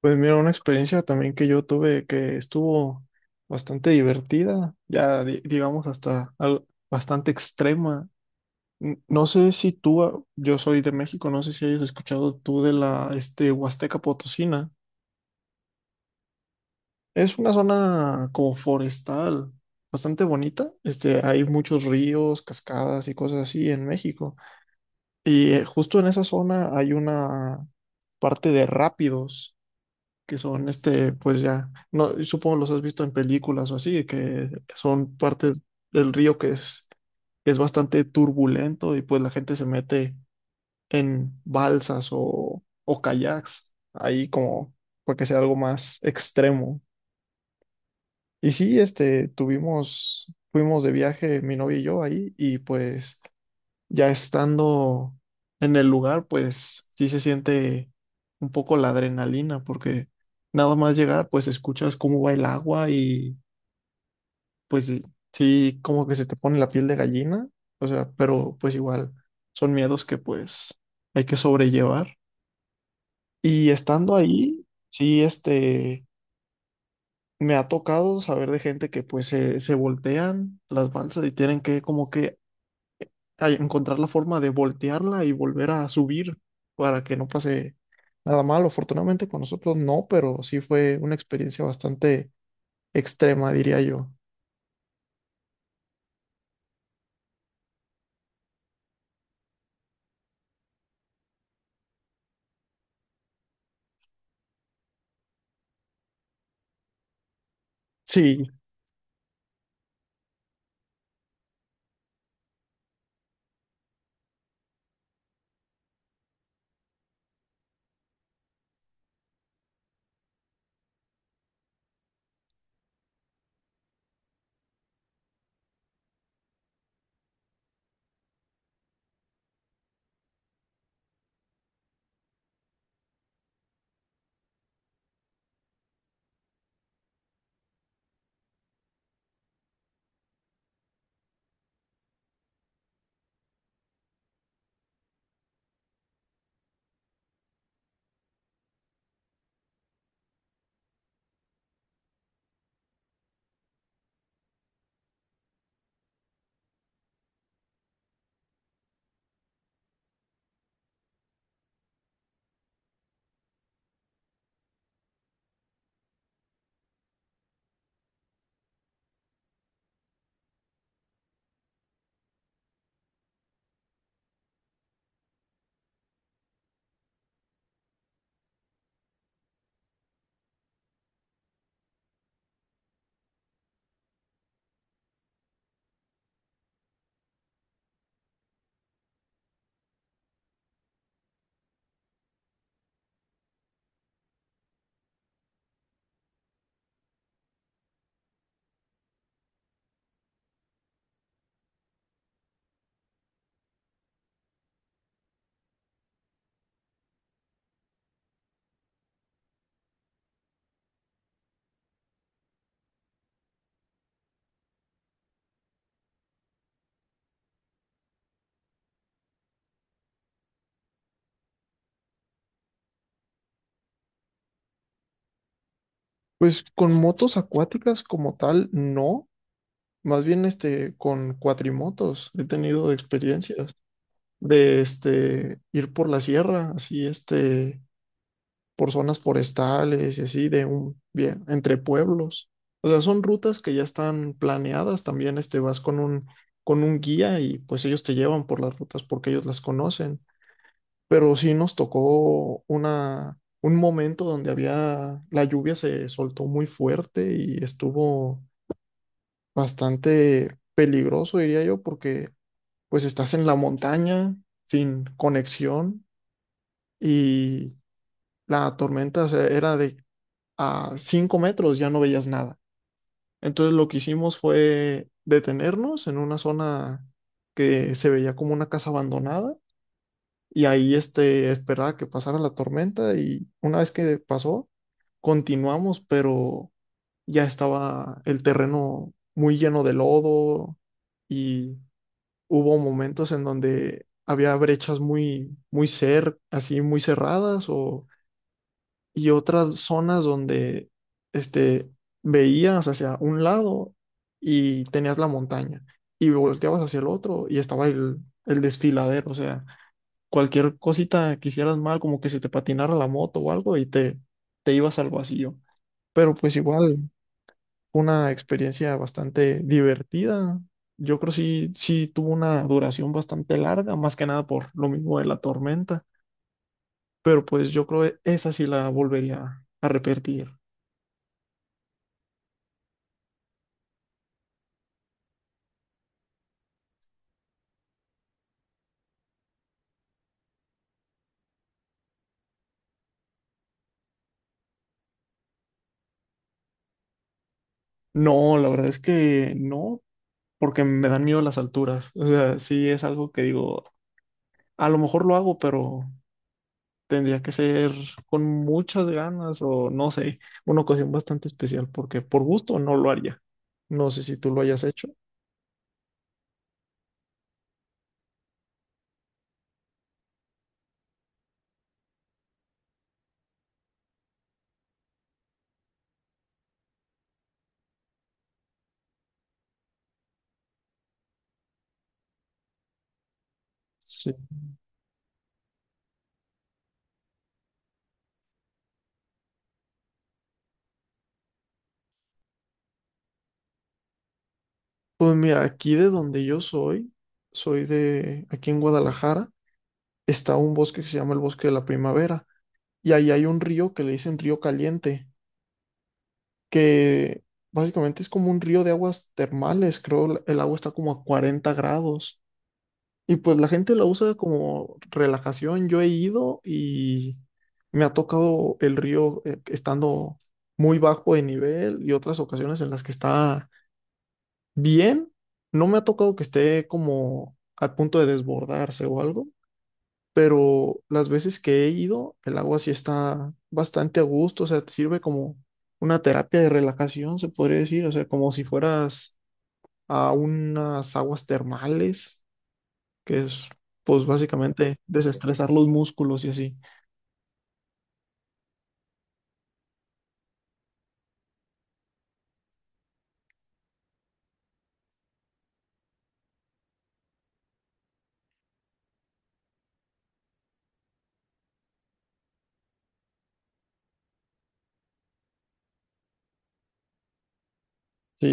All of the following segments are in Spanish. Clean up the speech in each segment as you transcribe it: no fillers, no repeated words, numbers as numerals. Pues mira, una experiencia también que yo tuve que estuvo bastante divertida, ya digamos hasta bastante extrema. No sé si tú, yo soy de México. No sé si hayas escuchado tú de la Huasteca Potosina. Es una zona como forestal, bastante bonita. Hay muchos ríos, cascadas y cosas así en México. Y justo en esa zona hay una parte de rápidos, que son pues ya, no, supongo los has visto en películas o así, que son partes del río que es bastante turbulento, y pues la gente se mete en balsas o kayaks, ahí como para que sea algo más extremo. Y sí, fuimos de viaje mi novia y yo ahí, y pues ya estando en el lugar, pues sí se siente un poco la adrenalina, porque nada más llegar, pues escuchas cómo va el agua y pues sí, como que se te pone la piel de gallina. O sea, pero pues igual son miedos que pues hay que sobrellevar. Y estando ahí, sí, me ha tocado saber de gente que se voltean las balsas y tienen que como que a encontrar la forma de voltearla y volver a subir para que no pase nada malo. Afortunadamente con nosotros no, pero sí fue una experiencia bastante extrema, diría yo. Sí, pues con motos acuáticas como tal, no. Más bien con cuatrimotos he tenido experiencias de ir por la sierra, así por zonas forestales y así, de un, bien, entre pueblos. O sea, son rutas que ya están planeadas. También con un guía, y pues ellos te llevan por las rutas porque ellos las conocen. Pero sí nos tocó un momento donde había, la lluvia se soltó muy fuerte y estuvo bastante peligroso, diría yo, porque pues estás en la montaña sin conexión, y la tormenta, o sea, era de a 5 metros ya no veías nada. Entonces lo que hicimos fue detenernos en una zona que se veía como una casa abandonada, y ahí esperaba que pasara la tormenta, y una vez que pasó, continuamos, pero ya estaba el terreno muy lleno de lodo. Y hubo momentos en donde había brechas muy, así muy cerradas, o y otras zonas donde este, veías hacia un lado y tenías la montaña, y volteabas hacia el otro y estaba el desfiladero. O sea, cualquier cosita que hicieras mal, como que se te patinara la moto o algo, te ibas al vacío. Pero pues igual fue una experiencia bastante divertida. Yo creo que sí, sí tuvo una duración bastante larga, más que nada por lo mismo de la tormenta, pero pues yo creo que esa sí la volvería a repetir. No, la verdad es que no, porque me dan miedo las alturas. O sea, sí es algo que digo, a lo mejor lo hago, pero tendría que ser con muchas ganas o no sé, una ocasión bastante especial, porque por gusto no lo haría. No sé si tú lo hayas hecho. Sí. Pues mira, aquí de donde yo soy, soy de aquí en Guadalajara, está un bosque que se llama el Bosque de la Primavera, y ahí hay un río que le dicen Río Caliente, que básicamente es como un río de aguas termales, creo, el agua está como a 40 grados. Y pues la gente la usa como relajación. Yo he ido y me ha tocado el río estando muy bajo de nivel, y otras ocasiones en las que está bien. No me ha tocado que esté como al punto de desbordarse o algo, pero las veces que he ido, el agua sí está bastante a gusto. O sea, te sirve como una terapia de relajación, se podría decir. O sea, como si fueras a unas aguas termales, que es pues básicamente desestresar los músculos y así. Sí,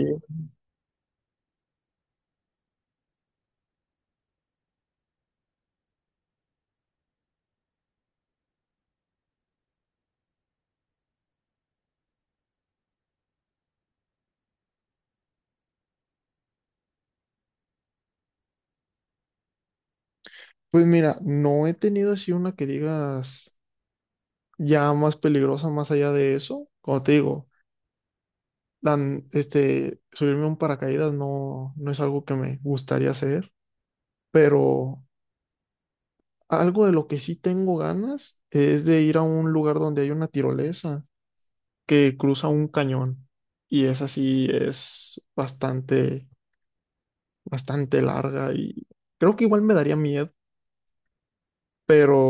pues mira, no he tenido así una que digas ya más peligrosa más allá de eso, como te digo. Dan subirme a un paracaídas no, no es algo que me gustaría hacer, pero algo de lo que sí tengo ganas es de ir a un lugar donde hay una tirolesa que cruza un cañón. Y esa sí es bastante, bastante larga, y creo que igual me daría miedo, pero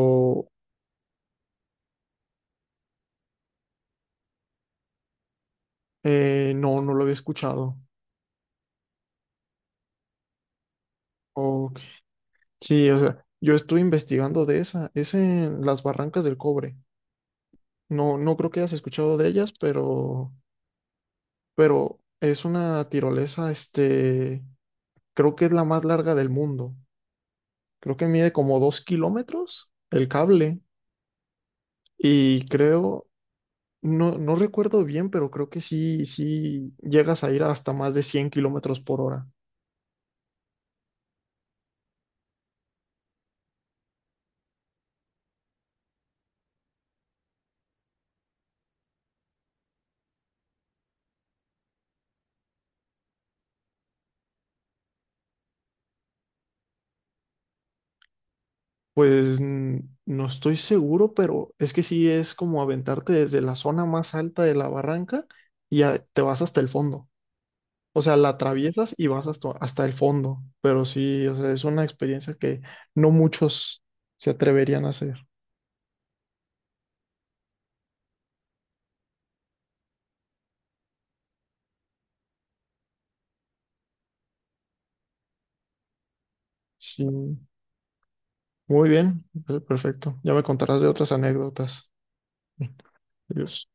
no, no lo había escuchado. Ok. Sí, o sea, yo estuve investigando de esa. Es en las Barrancas del Cobre. No, no creo que hayas escuchado de ellas, pero es una tirolesa, creo que es la más larga del mundo. Creo que mide como 2 kilómetros el cable, y creo, no, no recuerdo bien, pero creo que sí, sí llegas a ir hasta más de 100 kilómetros por hora. Pues no estoy seguro, pero es que sí es como aventarte desde la zona más alta de la barranca, y te vas hasta el fondo. O sea, la atraviesas y vas hasta, hasta el fondo, pero sí, o sea, es una experiencia que no muchos se atreverían a hacer. Sí. Muy bien, perfecto. Ya me contarás de otras anécdotas. Adiós.